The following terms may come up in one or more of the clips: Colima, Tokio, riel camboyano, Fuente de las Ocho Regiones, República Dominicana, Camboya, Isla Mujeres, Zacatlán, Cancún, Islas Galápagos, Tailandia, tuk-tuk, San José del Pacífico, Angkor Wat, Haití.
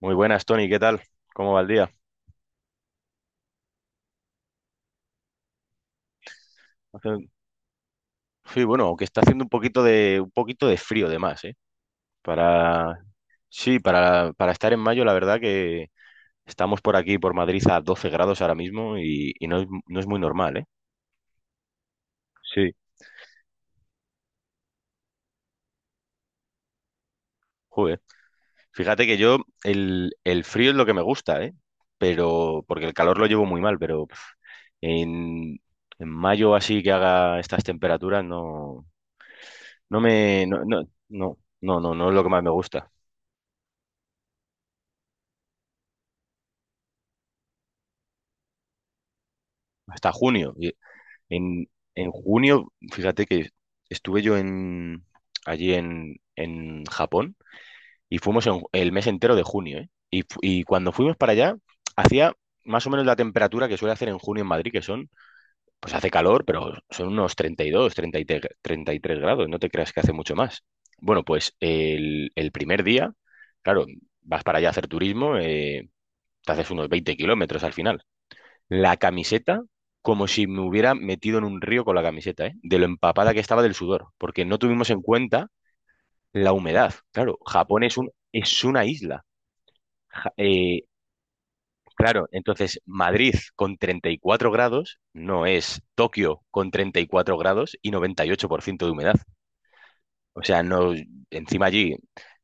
Muy buenas, Tony, ¿qué tal? ¿Cómo va el día? Hace- Sí, bueno, aunque está haciendo un poquito de frío de más, ¿eh? Para Sí, para estar en mayo, la verdad que estamos por aquí por Madrid a 12 grados ahora mismo y no es muy normal, ¿eh? Sí, joder. Fíjate que yo el frío es lo que me gusta, ¿eh? Pero porque el calor lo llevo muy mal, pero pf, en, en mayo así que haga estas temperaturas no no me no no no no no no es lo que más me gusta. Hasta junio. En, en junio, fíjate que estuve yo allí en Japón y fuimos el mes entero de junio, ¿eh? Y cuando fuimos para allá, hacía más o menos la temperatura que suele hacer en junio en Madrid, que son, pues hace calor, pero son unos treinta treinta y dos, treinta y dos treinta y tres grados, no te creas que hace mucho más. Bueno, pues el primer día, claro, vas para allá a hacer turismo, te haces unos 20 kilómetros, al final la camiseta como si me hubiera metido en un río con la camiseta, ¿eh? De lo empapada que estaba del sudor, porque no tuvimos en cuenta la humedad. Claro, Japón es es una isla. Ja- eh, claro, entonces Madrid con 34 grados no es Tokio con 34 grados y 98% de humedad. O sea, no, encima allí,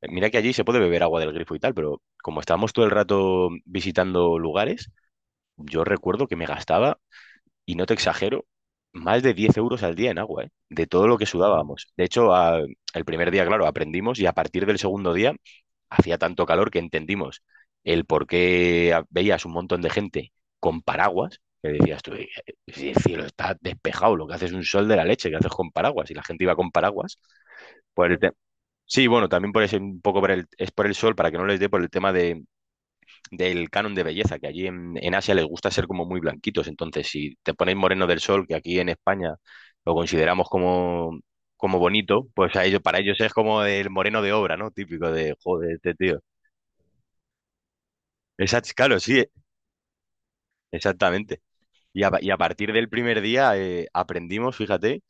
mira que allí se puede beber agua del grifo y tal, pero como estábamos todo el rato visitando lugares, yo recuerdo que me gastaba, y no te exagero, más de 10 euros al día en agua, ¿eh? De todo lo que sudábamos. De hecho, el primer día, claro, aprendimos, y a partir del segundo día hacía tanto calor que entendimos el por qué veías un montón de gente con paraguas, que decías tú: si el cielo está despejado, lo que haces es un sol de la leche, ¿qué haces con paraguas?" Y la gente iba con paraguas. Por el te- sí, bueno, también por ese, un poco por el, es por el sol, para que no les dé, por el tema de del canon de belleza, que allí en Asia les gusta ser como muy blanquitos. Entonces, si te ponéis moreno del sol, que aquí en España lo consideramos como, como bonito, pues a ellos, para ellos es como el moreno de obra, ¿no? Típico de, joder, este tío. Claro, sí, exactamente. Y a partir del primer día, aprendimos, fíjate.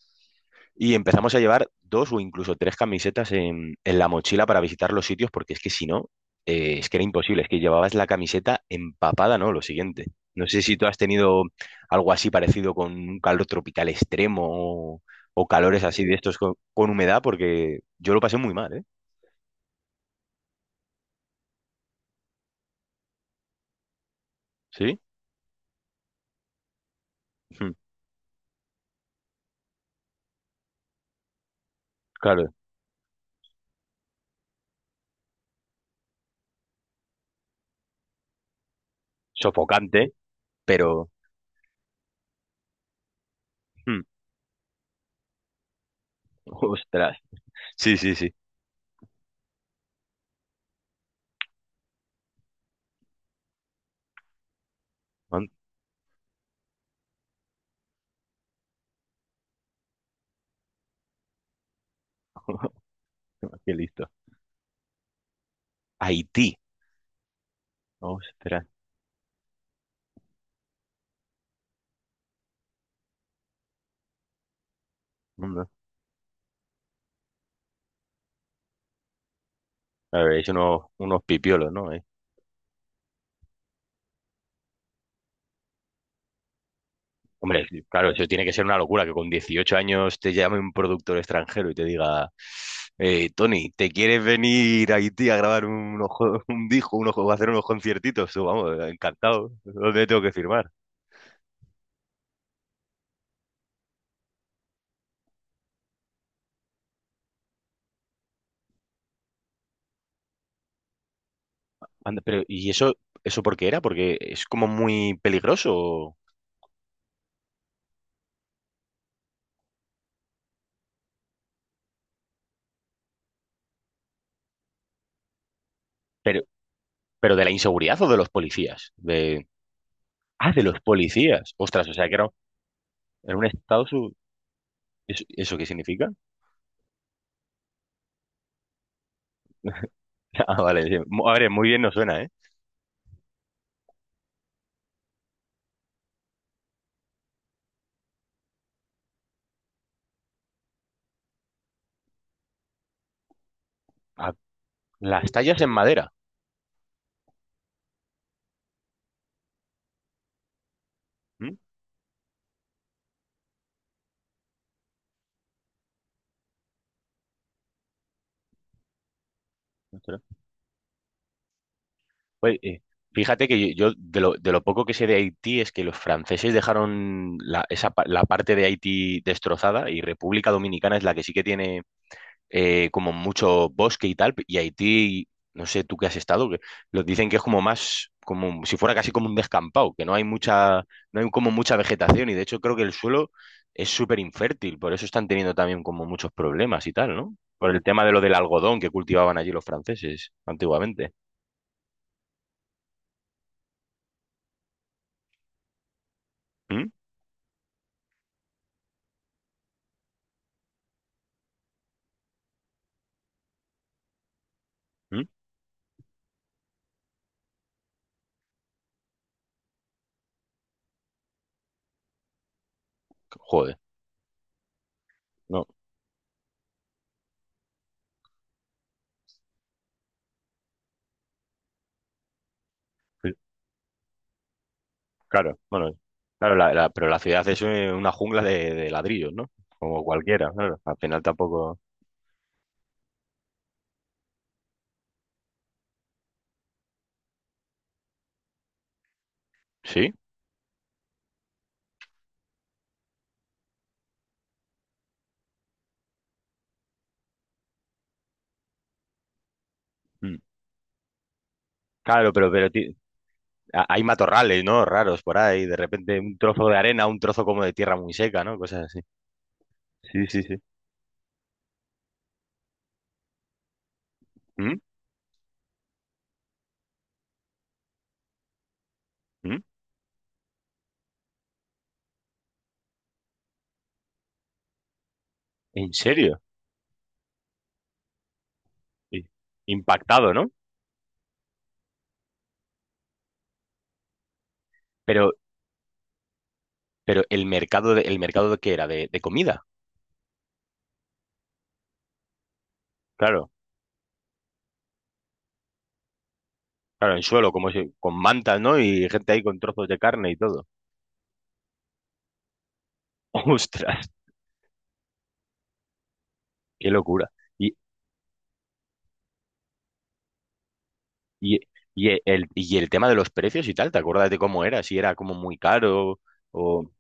Y empezamos a llevar dos o incluso tres camisetas en la mochila para visitar los sitios, porque es que si no, es que era imposible, es que llevabas la camiseta empapada, ¿no? Lo siguiente. No sé si tú has tenido algo así parecido con un calor tropical extremo, o calores así de estos con humedad, porque yo lo pasé muy mal, ¿eh? Sí. Mm. Claro, sofocante, pero... Mm. Ostras, sí, sí, sí. Man- Qué listo. Haití, ostras. No, no. A ver, es unos pipiolos, ¿no? Hombre, claro, eso tiene que ser una locura que con 18 años te llame un productor extranjero y te diga: "Eh, Tony, ¿te quieres venir a Haití a grabar un disco, a hacer unos conciertitos?" Tú, vamos, encantado. ¿Dónde tengo que firmar? Anda, pero, ¿y eso por qué era? Porque es como muy peligroso. Pero, pero ¿de la inseguridad o de los policías? De los policías. Ostras, o sea, que era un estado... ¿Eso, eso qué significa? Ah, vale. Sí. A ver, muy bien no suena, ¿eh? Ah, las tallas en madera. Claro. Oye, fíjate que yo de lo poco que sé de Haití es que los franceses dejaron la parte de Haití destrozada, y República Dominicana es la que sí que tiene, como mucho bosque y tal, y Haití, no sé tú que has estado, que lo dicen que es como más, como si fuera casi como un descampado, que no hay mucha, no hay como mucha vegetación, y de hecho creo que el suelo es súper infértil, por eso están teniendo también como muchos problemas y tal, ¿no? Por el tema de lo del algodón que cultivaban allí los franceses antiguamente. ¿Mm? ¿Mm? Joder, no. Sí. Claro, bueno, claro, pero la ciudad es, una jungla de ladrillos, ¿no? Como cualquiera, claro. Al final tampoco. ¿Sí? Mm. Claro, pero, pero hay matorrales, ¿no? Raros por ahí. De repente un trozo de arena, un trozo como de tierra muy seca, ¿no? Cosas así. Sí, sí, sí. ¿Mm? ¿Mm? ¿En serio? Sí. Impactado, ¿no? Pero, pero el mercado de qué era, de comida. Claro, claro, en suelo, como con mantas, ¿no? Y gente ahí con trozos de carne y todo. Ostras, qué locura. Y, y el tema de los precios y tal, ¿te acuerdas de cómo era? Si era como muy caro o...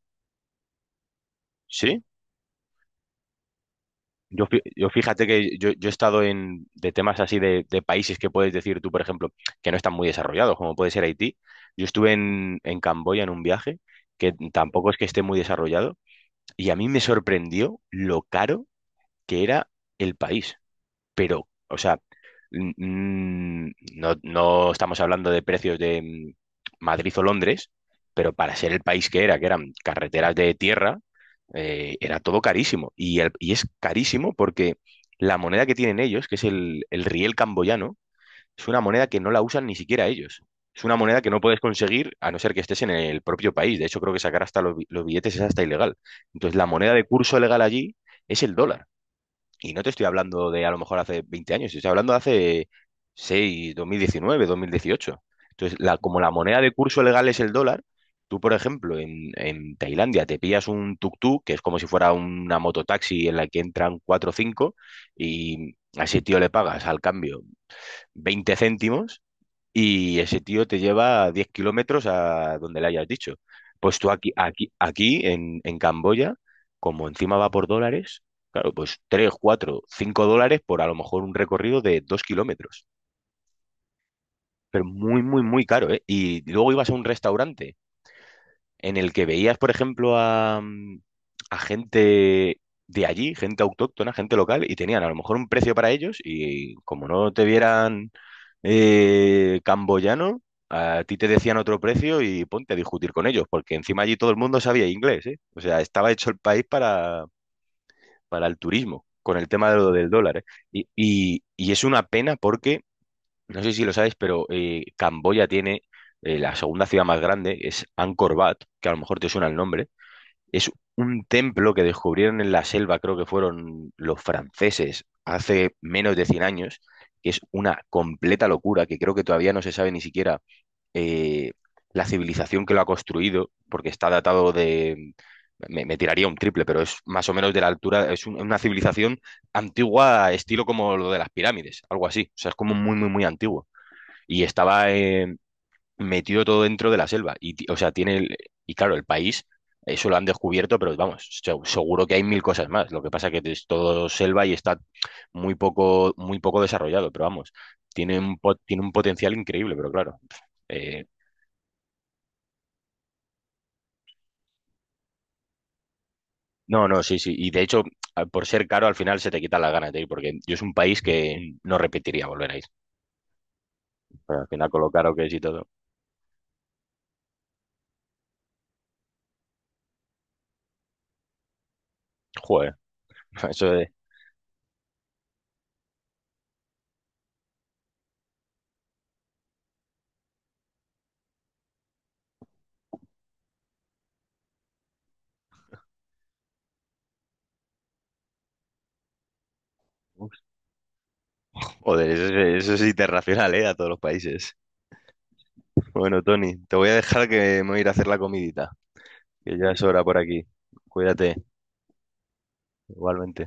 Sí, yo fíjate que yo he estado en, de temas así, de países, que puedes decir tú, por ejemplo, que no están muy desarrollados, como puede ser Haití. Yo estuve en Camboya en un viaje que tampoco es que esté muy desarrollado, y a mí me sorprendió lo caro que era el país. Pero, o sea, no, no estamos hablando de precios de, Madrid o Londres, pero para ser el país que era, que eran carreteras de tierra, era todo carísimo. Y es carísimo porque la moneda que tienen ellos, que es el riel camboyano, es una moneda que no la usan ni siquiera ellos. Es una moneda que no puedes conseguir a no ser que estés en el propio país. De hecho, creo que sacar hasta los, los billetes, es hasta ilegal. Entonces, la moneda de curso legal allí es el dólar. Y no te estoy hablando de a lo mejor hace 20 años, estoy hablando de hace 6, 2019, 2018. Entonces, como la moneda de curso legal es el dólar, tú, por ejemplo, en Tailandia te pillas un tuk-tuk, que es como si fuera una mototaxi en la que entran 4 o cinco, y a ese tío le pagas al cambio 20 céntimos, y ese tío te lleva 10 kilómetros a donde le hayas dicho. Pues tú aquí, aquí en Camboya, como encima va por dólares, claro, pues 3, 4, 5 dólares por a lo mejor un recorrido de 2 kilómetros. Pero muy, muy, muy caro, ¿eh? Y luego ibas a un restaurante en el que veías, por ejemplo, a gente de allí, gente autóctona, gente local, y tenían a lo mejor un precio para ellos, y como no te vieran, camboyano, a ti te decían otro precio, y ponte a discutir con ellos, porque encima allí todo el mundo sabía inglés, ¿eh? O sea, estaba hecho el país para el turismo, con el tema de lo del dólar, ¿eh? Y, y es una pena porque, no sé si lo sabes, pero, Camboya tiene... La segunda ciudad más grande es Angkor Wat, que a lo mejor te suena el nombre, es un templo que descubrieron en la selva, creo que fueron los franceses, hace menos de 100 años, que es una completa locura, que creo que todavía no se sabe ni siquiera, eh, la civilización que lo ha construido, porque está datado de... Me tiraría un triple, pero es más o menos de la altura, es una civilización antigua, estilo como lo de las pirámides, algo así, o sea, es como muy, muy, muy antiguo. Y estaba, metido todo dentro de la selva. Y, o sea, tiene y claro, el país, eso lo han descubierto, pero vamos, seguro que hay mil cosas más. Lo que pasa que es todo selva y está muy poco desarrollado, pero vamos, tiene tiene un potencial increíble, pero claro. eh, no, no, sí, sí. Y de hecho, por ser caro, al final se te quitan las ganas de ir, porque yo es un país que no repetiría volver a ir. Pero al final, con lo caro que es y todo. Joder, eso de. Joder, eso, eso es internacional, ¿eh? A todos los países. Bueno, Tony, te voy a dejar, que me voy a ir a hacer la comidita, que ya es hora por aquí. Cuídate, igualmente.